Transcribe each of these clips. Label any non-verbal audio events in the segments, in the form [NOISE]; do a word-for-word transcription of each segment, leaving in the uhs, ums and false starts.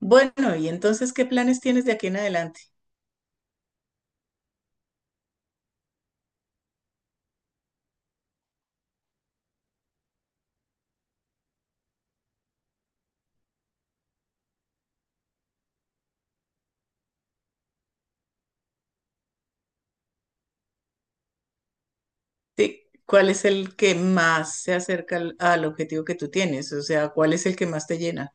Bueno, y entonces, ¿qué planes tienes de aquí en adelante? Sí, ¿cuál es el que más se acerca al, al objetivo que tú tienes? O sea, ¿cuál es el que más te llena?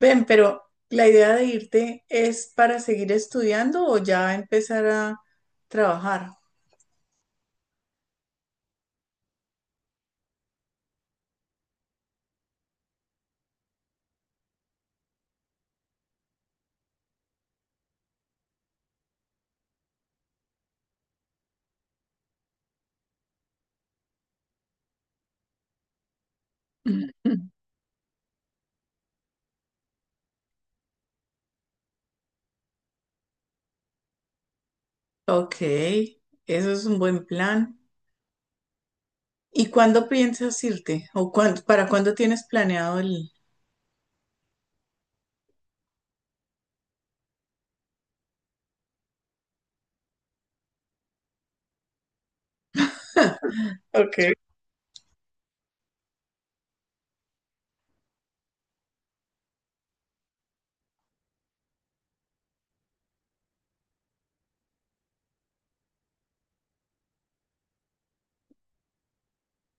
Ven, pero la idea de irte es para seguir estudiando o ya empezar a trabajar. [LAUGHS] Ujú. Ok, eso es un buen plan. ¿Y cuándo piensas irte? ¿O cuándo, para cuándo tienes planeado el... Ok.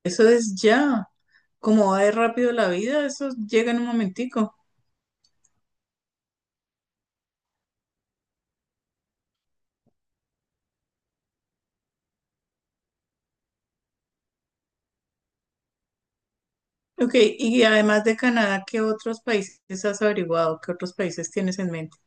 Eso es ya. Como va de rápido la vida, eso llega en un momentico. Ok, y además de Canadá, ¿qué otros países has averiguado? ¿Qué otros países tienes en mente?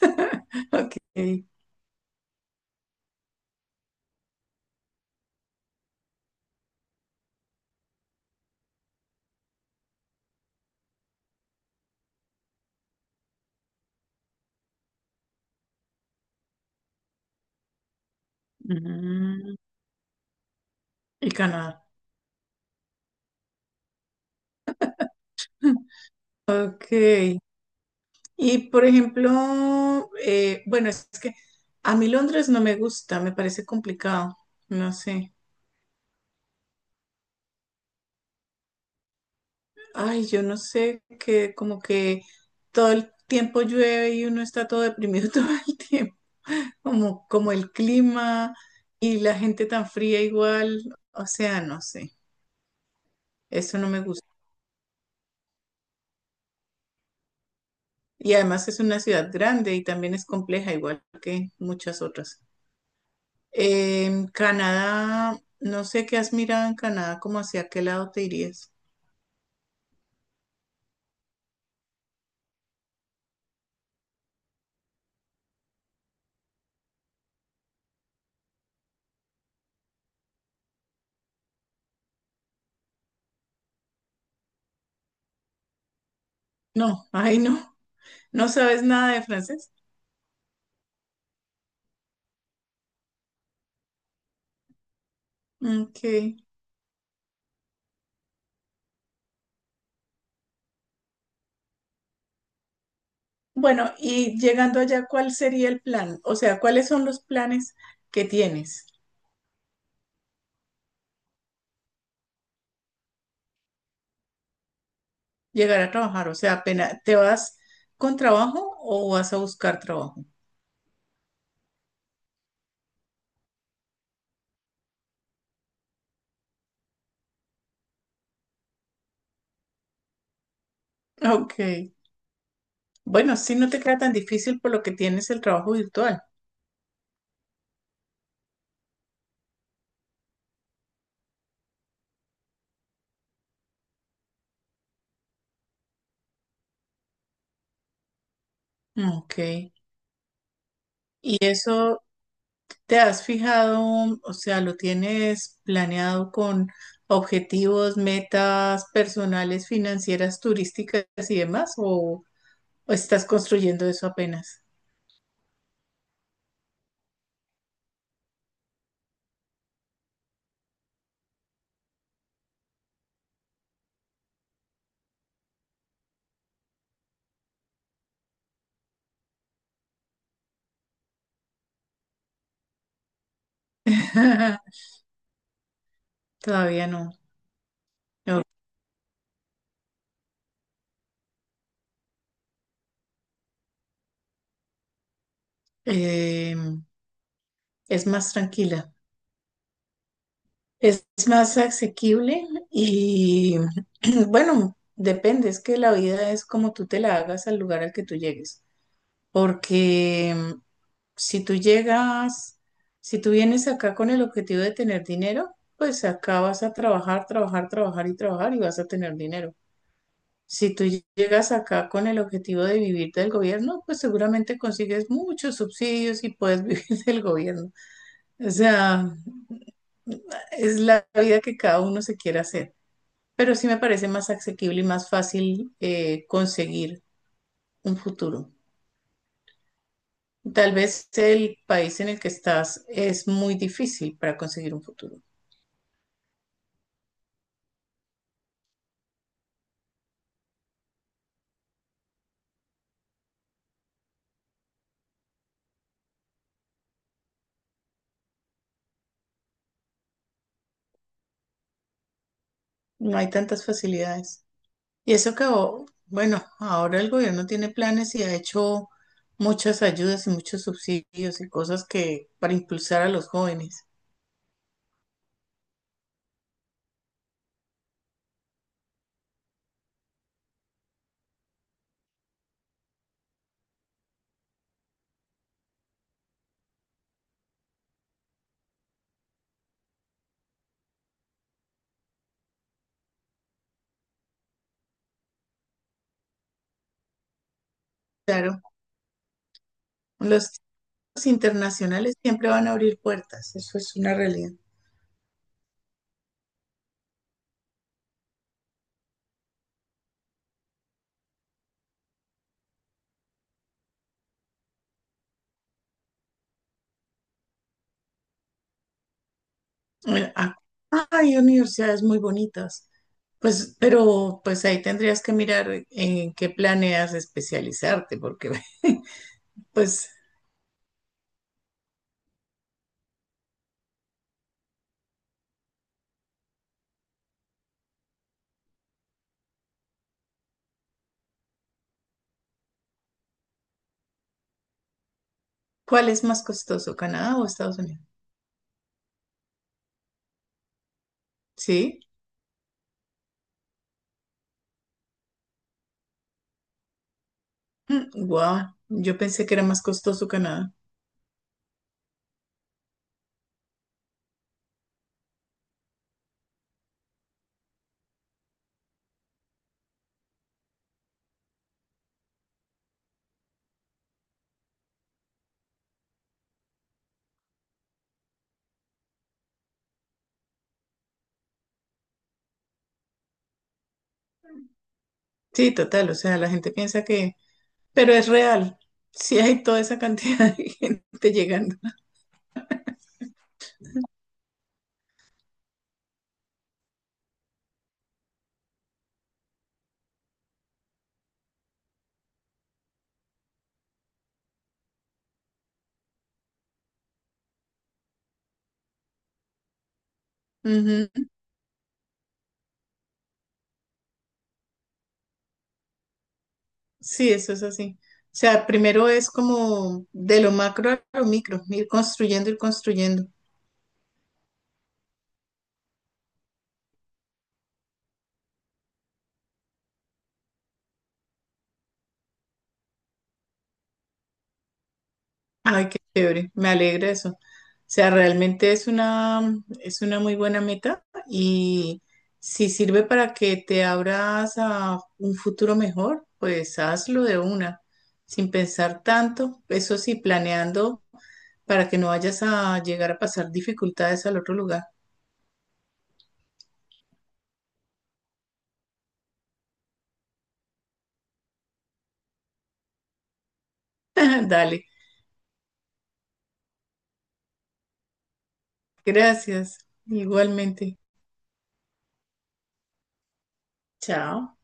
[LAUGHS] Ok, mm, y Canadá. Ok, y por ejemplo, eh, bueno, es que a mí Londres no me gusta, me parece complicado, no sé. Ay, yo no sé, que como que todo el tiempo llueve y uno está todo deprimido [LAUGHS] todo el tiempo, como, como el clima y la gente tan fría igual, o sea, no sé, eso no me gusta. Y además es una ciudad grande y también es compleja, igual que muchas otras. En Canadá, no sé qué has mirado en Canadá, como hacia qué lado te irías. No, ay no, no sabes nada de francés. Ok. Bueno, y llegando allá, ¿cuál sería el plan? O sea, ¿cuáles son los planes que tienes? Llegar a trabajar, o sea, ¿apenas te vas con trabajo o vas a buscar trabajo? Ok. Bueno, sí, no te queda tan difícil por lo que tienes el trabajo virtual. Ok. ¿Y eso te has fijado, o sea, lo tienes planeado con objetivos, metas personales, financieras, turísticas y demás? ¿O, o estás construyendo eso apenas? [LAUGHS] Todavía no. No. Eh, es más tranquila. Es más asequible y [CLEARS THROAT] bueno, depende, es que la vida es como tú te la hagas al lugar al que tú llegues, porque si tú llegas, si tú vienes acá con el objetivo de tener dinero, pues acá vas a trabajar, trabajar, trabajar y trabajar y vas a tener dinero. Si tú llegas acá con el objetivo de vivir del gobierno, pues seguramente consigues muchos subsidios y puedes [LAUGHS] vivir del gobierno. O sea, es la vida que cada uno se quiera hacer. Pero sí me parece más asequible y más fácil, eh, conseguir un futuro. Tal vez el país en el que estás es muy difícil para conseguir un futuro. No hay tantas facilidades. Y eso que, o, bueno, ahora el gobierno tiene planes y ha hecho muchas ayudas y muchos subsidios y cosas que para impulsar a los jóvenes. Claro, los chicos internacionales siempre van a abrir puertas, eso es una realidad. Bueno, acá hay universidades muy bonitas, pues, pero pues ahí tendrías que mirar en qué planeas especializarte, porque [LAUGHS] pues, ¿cuál es más costoso, Canadá o Estados Unidos? Sí. Wow, yo pensé que era más costoso Canadá. Sí, total, o sea, la gente piensa que, pero es real. Sí hay toda esa cantidad [LAUGHS] de gente llegando. Ujú. Sí, eso es así. O sea, primero es como de lo macro a lo micro, ir construyendo, ir construyendo. Ay, qué chévere, me alegra eso. O sea, realmente es una, es una muy buena meta y si sirve para que te abras a un futuro mejor, pues hazlo de una, sin pensar tanto, eso sí, planeando para que no vayas a llegar a pasar dificultades al otro lugar. [LAUGHS] Dale, gracias, igualmente. Chao.